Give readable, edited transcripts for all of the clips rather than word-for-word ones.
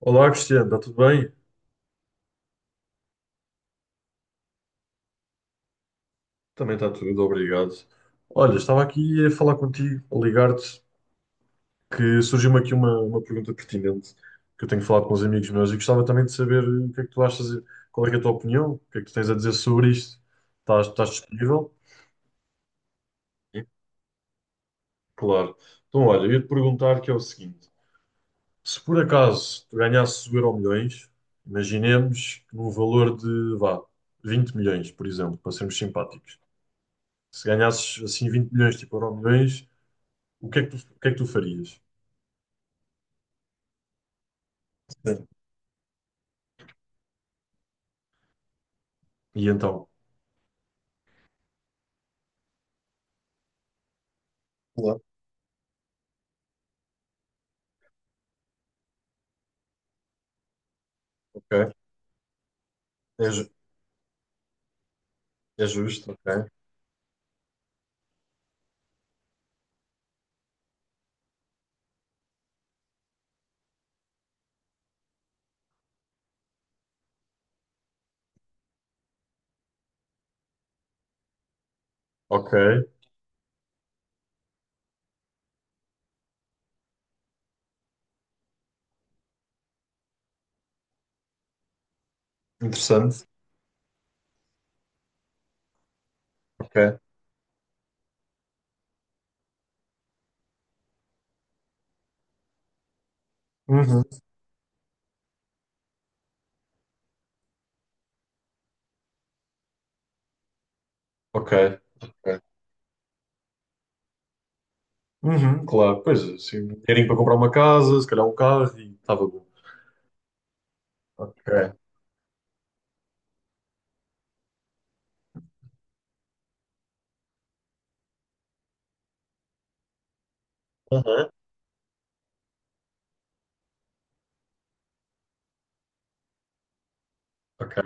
Olá, Cristiano, está tudo bem? Também está tudo, obrigado. Olha, estava aqui a falar contigo, a ligar-te, que surgiu-me aqui uma pergunta pertinente que eu tenho falado com uns amigos meus e gostava também de saber o que é que tu achas, qual é que é a tua opinião, o que é que tu tens a dizer sobre isto? Estás disponível? Sim. Claro. Então, olha, eu ia te perguntar que é o seguinte: se por acaso tu ganhasses o Euromilhões, imaginemos num valor de, vá, 20 milhões, por exemplo, para sermos simpáticos. Se ganhasses assim 20 milhões, tipo Euromilhões. O que é que tu farias? Sim, e então? Claro. Ok. É, é justo, ok. Ok. Interessante. Ok. Uhum. Ok. Ok. Uhum, claro. Pois, assim, dinheirinho para comprar uma casa, se calhar um carro e estava bom. Ok. Uhum. Ok.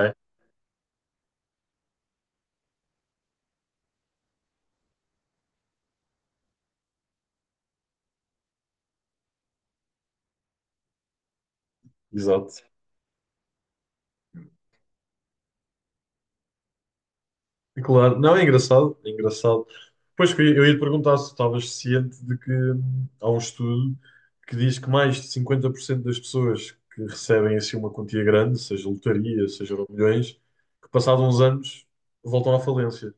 Exato. Claro, não, é engraçado, é engraçado. Pois que eu ia te perguntar se estavas ciente de que há um estudo que diz que mais de 50% das pessoas que recebem assim uma quantia grande, seja lotaria, seja milhões, que passados uns anos voltam à falência.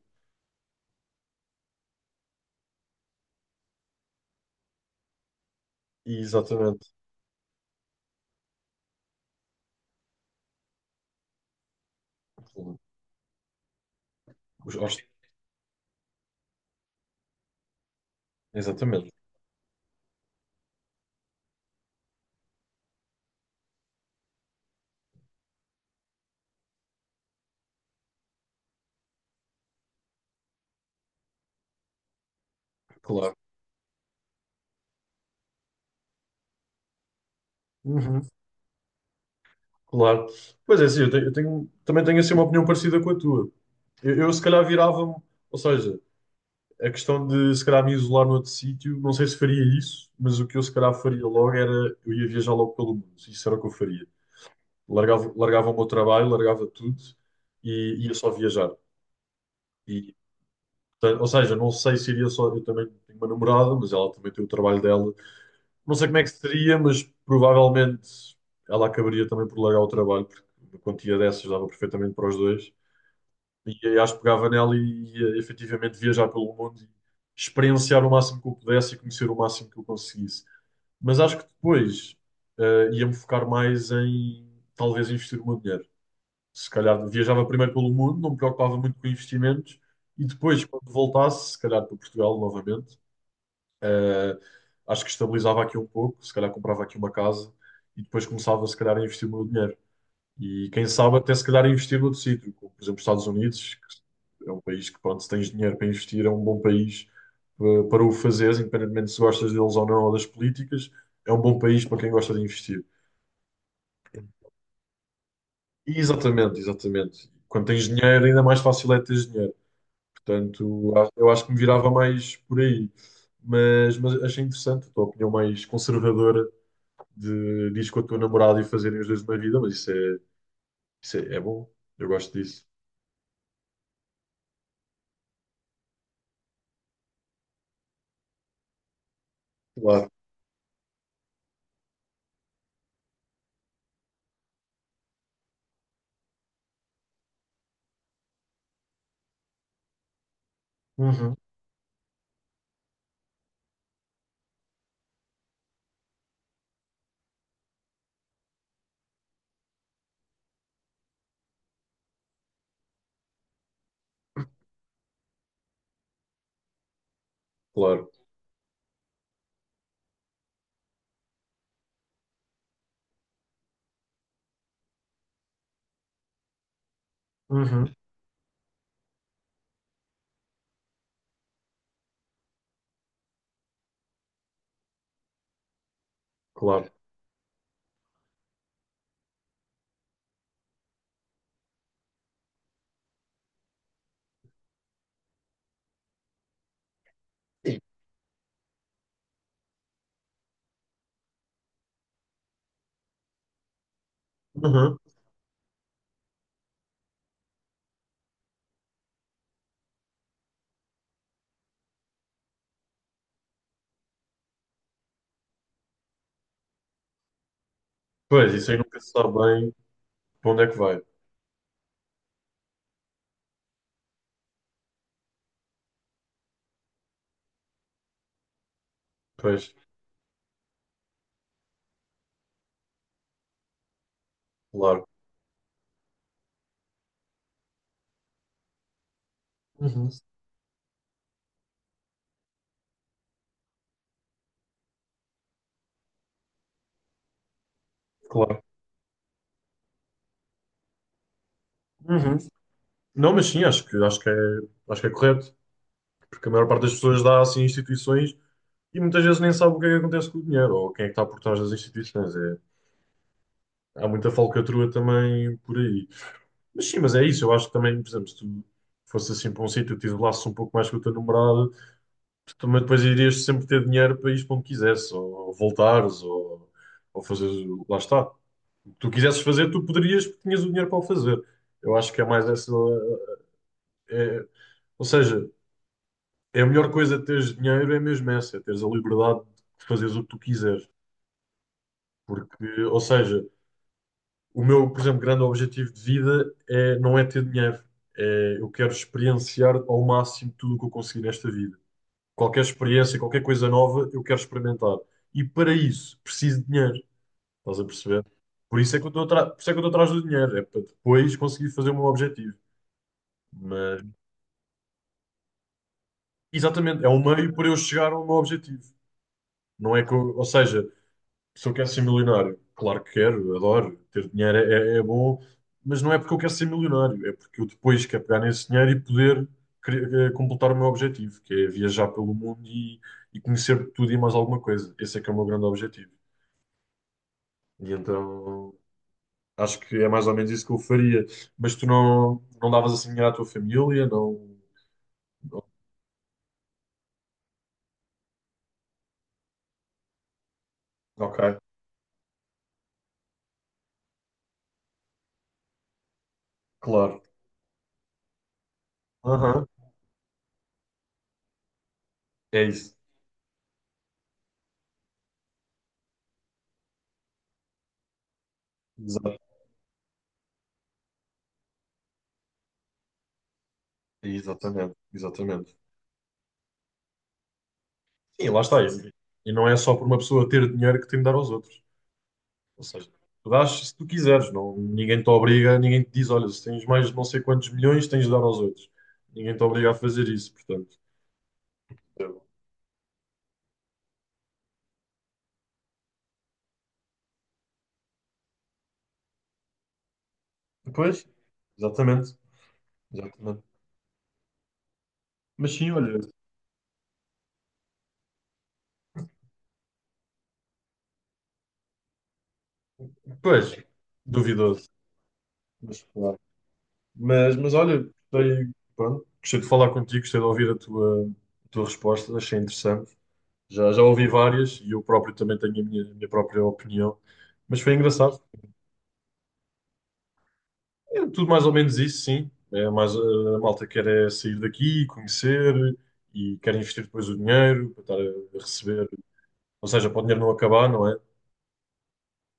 E exatamente. Os- aos- Exatamente, claro. Uhum. Claro. Pois é, sim, também tenho assim uma opinião parecida com a tua. Eu se calhar virava-me, ou seja, a questão de se calhar me isolar noutro sítio, não sei se faria isso, mas o que eu se calhar faria logo era eu ia viajar logo pelo mundo. Isso era o que eu faria. Largava o meu trabalho, largava tudo e ia só viajar. E, portanto, ou seja, não sei se iria só. Eu também tenho uma namorada, mas ela também tem o trabalho dela. Não sei como é que seria, mas provavelmente ela acabaria também por largar o trabalho, porque uma quantia dessas dava perfeitamente para os dois. E eu acho que pegava nela e ia efetivamente viajar pelo mundo e experienciar o máximo que eu pudesse e conhecer o máximo que eu conseguisse. Mas acho que depois ia-me focar mais em talvez investir o meu dinheiro. Se calhar viajava primeiro pelo mundo, não me preocupava muito com investimentos e depois, quando voltasse, se calhar para Portugal novamente, eh, acho que estabilizava aqui um pouco, se calhar comprava aqui uma casa e depois começava, se calhar, a investir o meu dinheiro. E quem sabe até se calhar investir noutro sítio, como por exemplo os Estados Unidos, que é um país que, pronto, se tens dinheiro para investir, é um bom país para o fazeres, independentemente se gostas deles ou não, ou das políticas, é um bom país para quem gosta de investir. E exatamente, exatamente. Quando tens dinheiro, ainda mais fácil é ter dinheiro. Portanto, eu acho que me virava mais por aí. Mas achei interessante a tua opinião mais conservadora de diz com a tua namorada e fazerem os dois uma vida, mas isso é, é bom. Eu gosto disso. Claro. Uhum. Claro. Uhum, claro. Uhum. Pois, isso aí nunca se sabe bem para onde é que vai. Pois, claro. Uhum. Claro. Uhum. Não, mas sim, acho que é correto, porque a maior parte das pessoas dá assim instituições e muitas vezes nem sabe o que é que acontece com o dinheiro ou quem é que está por trás das instituições. É, há muita falcatrua também por aí. Mas sim, mas é isso, eu acho que também, por exemplo, se tu fosse assim para um sítio, e te isolasses um pouco mais com o teu namorado, tu também depois irias sempre ter dinheiro para ir para onde quisesse, ou voltares, ou fazeres, lá está. Tu quisesses fazer, tu poderias, porque tinhas o dinheiro para o fazer. Eu acho que é mais essa. é- ou seja, é a melhor coisa de teres dinheiro, é mesmo essa, é teres a liberdade de fazeres o que tu quiseres. Porque, ou seja, o meu, por exemplo, grande objetivo de vida é, não é ter dinheiro. É, eu quero experienciar ao máximo tudo o que eu conseguir nesta vida. Qualquer experiência, qualquer coisa nova, eu quero experimentar. E para isso, preciso de dinheiro. Estás a perceber? Por isso é que eu estou atrás do dinheiro. É para depois conseguir fazer o meu objetivo. Mas exatamente, é um meio para eu chegar ao meu objetivo. Não é que eu- Ou seja, se eu quero ser milionário, claro que quero, adoro, ter dinheiro é bom, mas não é porque eu quero ser milionário, é porque eu depois quero pegar nesse dinheiro e poder completar o meu objetivo, que é viajar pelo mundo e conhecer tudo e mais alguma coisa. Esse é que é o meu grande objetivo. E então acho que é mais ou menos isso que eu faria. Mas tu não, não davas assim dinheiro à tua família? Não, não- ok, claro. Aham, é isso. Exato. Exatamente, exatamente. Sim, lá está. E não é só por uma pessoa ter dinheiro que tem de dar aos outros. Ou seja, tu dás se tu quiseres, não, ninguém te obriga, ninguém te diz, olha, se tens mais de não sei quantos milhões, tens de dar aos outros. Ninguém te obriga a fazer isso, portanto. Eu- Pois, exatamente, exatamente. Mas sim, olha, pois, duvidoso. Mas, claro. Mas olha, gostei, pronto, gostei de falar contigo, gostei de ouvir a tua resposta, achei interessante. Já, já ouvi várias e eu próprio também tenho a minha própria opinião, mas foi engraçado. É tudo mais ou menos isso, sim. É mais, a malta quer é sair daqui, conhecer e quer investir depois o dinheiro para estar a receber, ou seja, para o dinheiro não acabar, não é?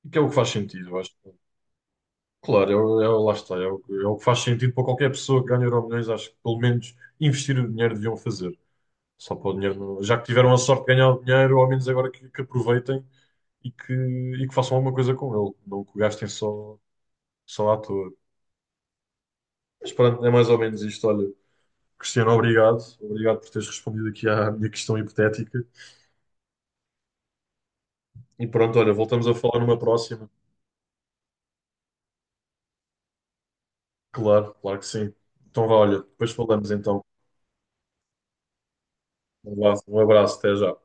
E que é o que faz sentido, eu acho. Claro, lá está, é o que faz sentido para qualquer pessoa que ganha Euromilhões, acho que pelo menos investir o dinheiro deviam fazer. Só para o dinheiro. Não- Já que tiveram a sorte de ganhar o dinheiro, ao menos agora que aproveitem e que façam alguma coisa com ele. Não que o gastem só, só à toa. Mas pronto, é mais ou menos isto. Olha, Cristiano, obrigado. Obrigado por teres respondido aqui à minha questão hipotética. E pronto, olha, voltamos a falar numa próxima. Claro, claro que sim. Então vá, olha, depois falamos então. Um abraço, até já.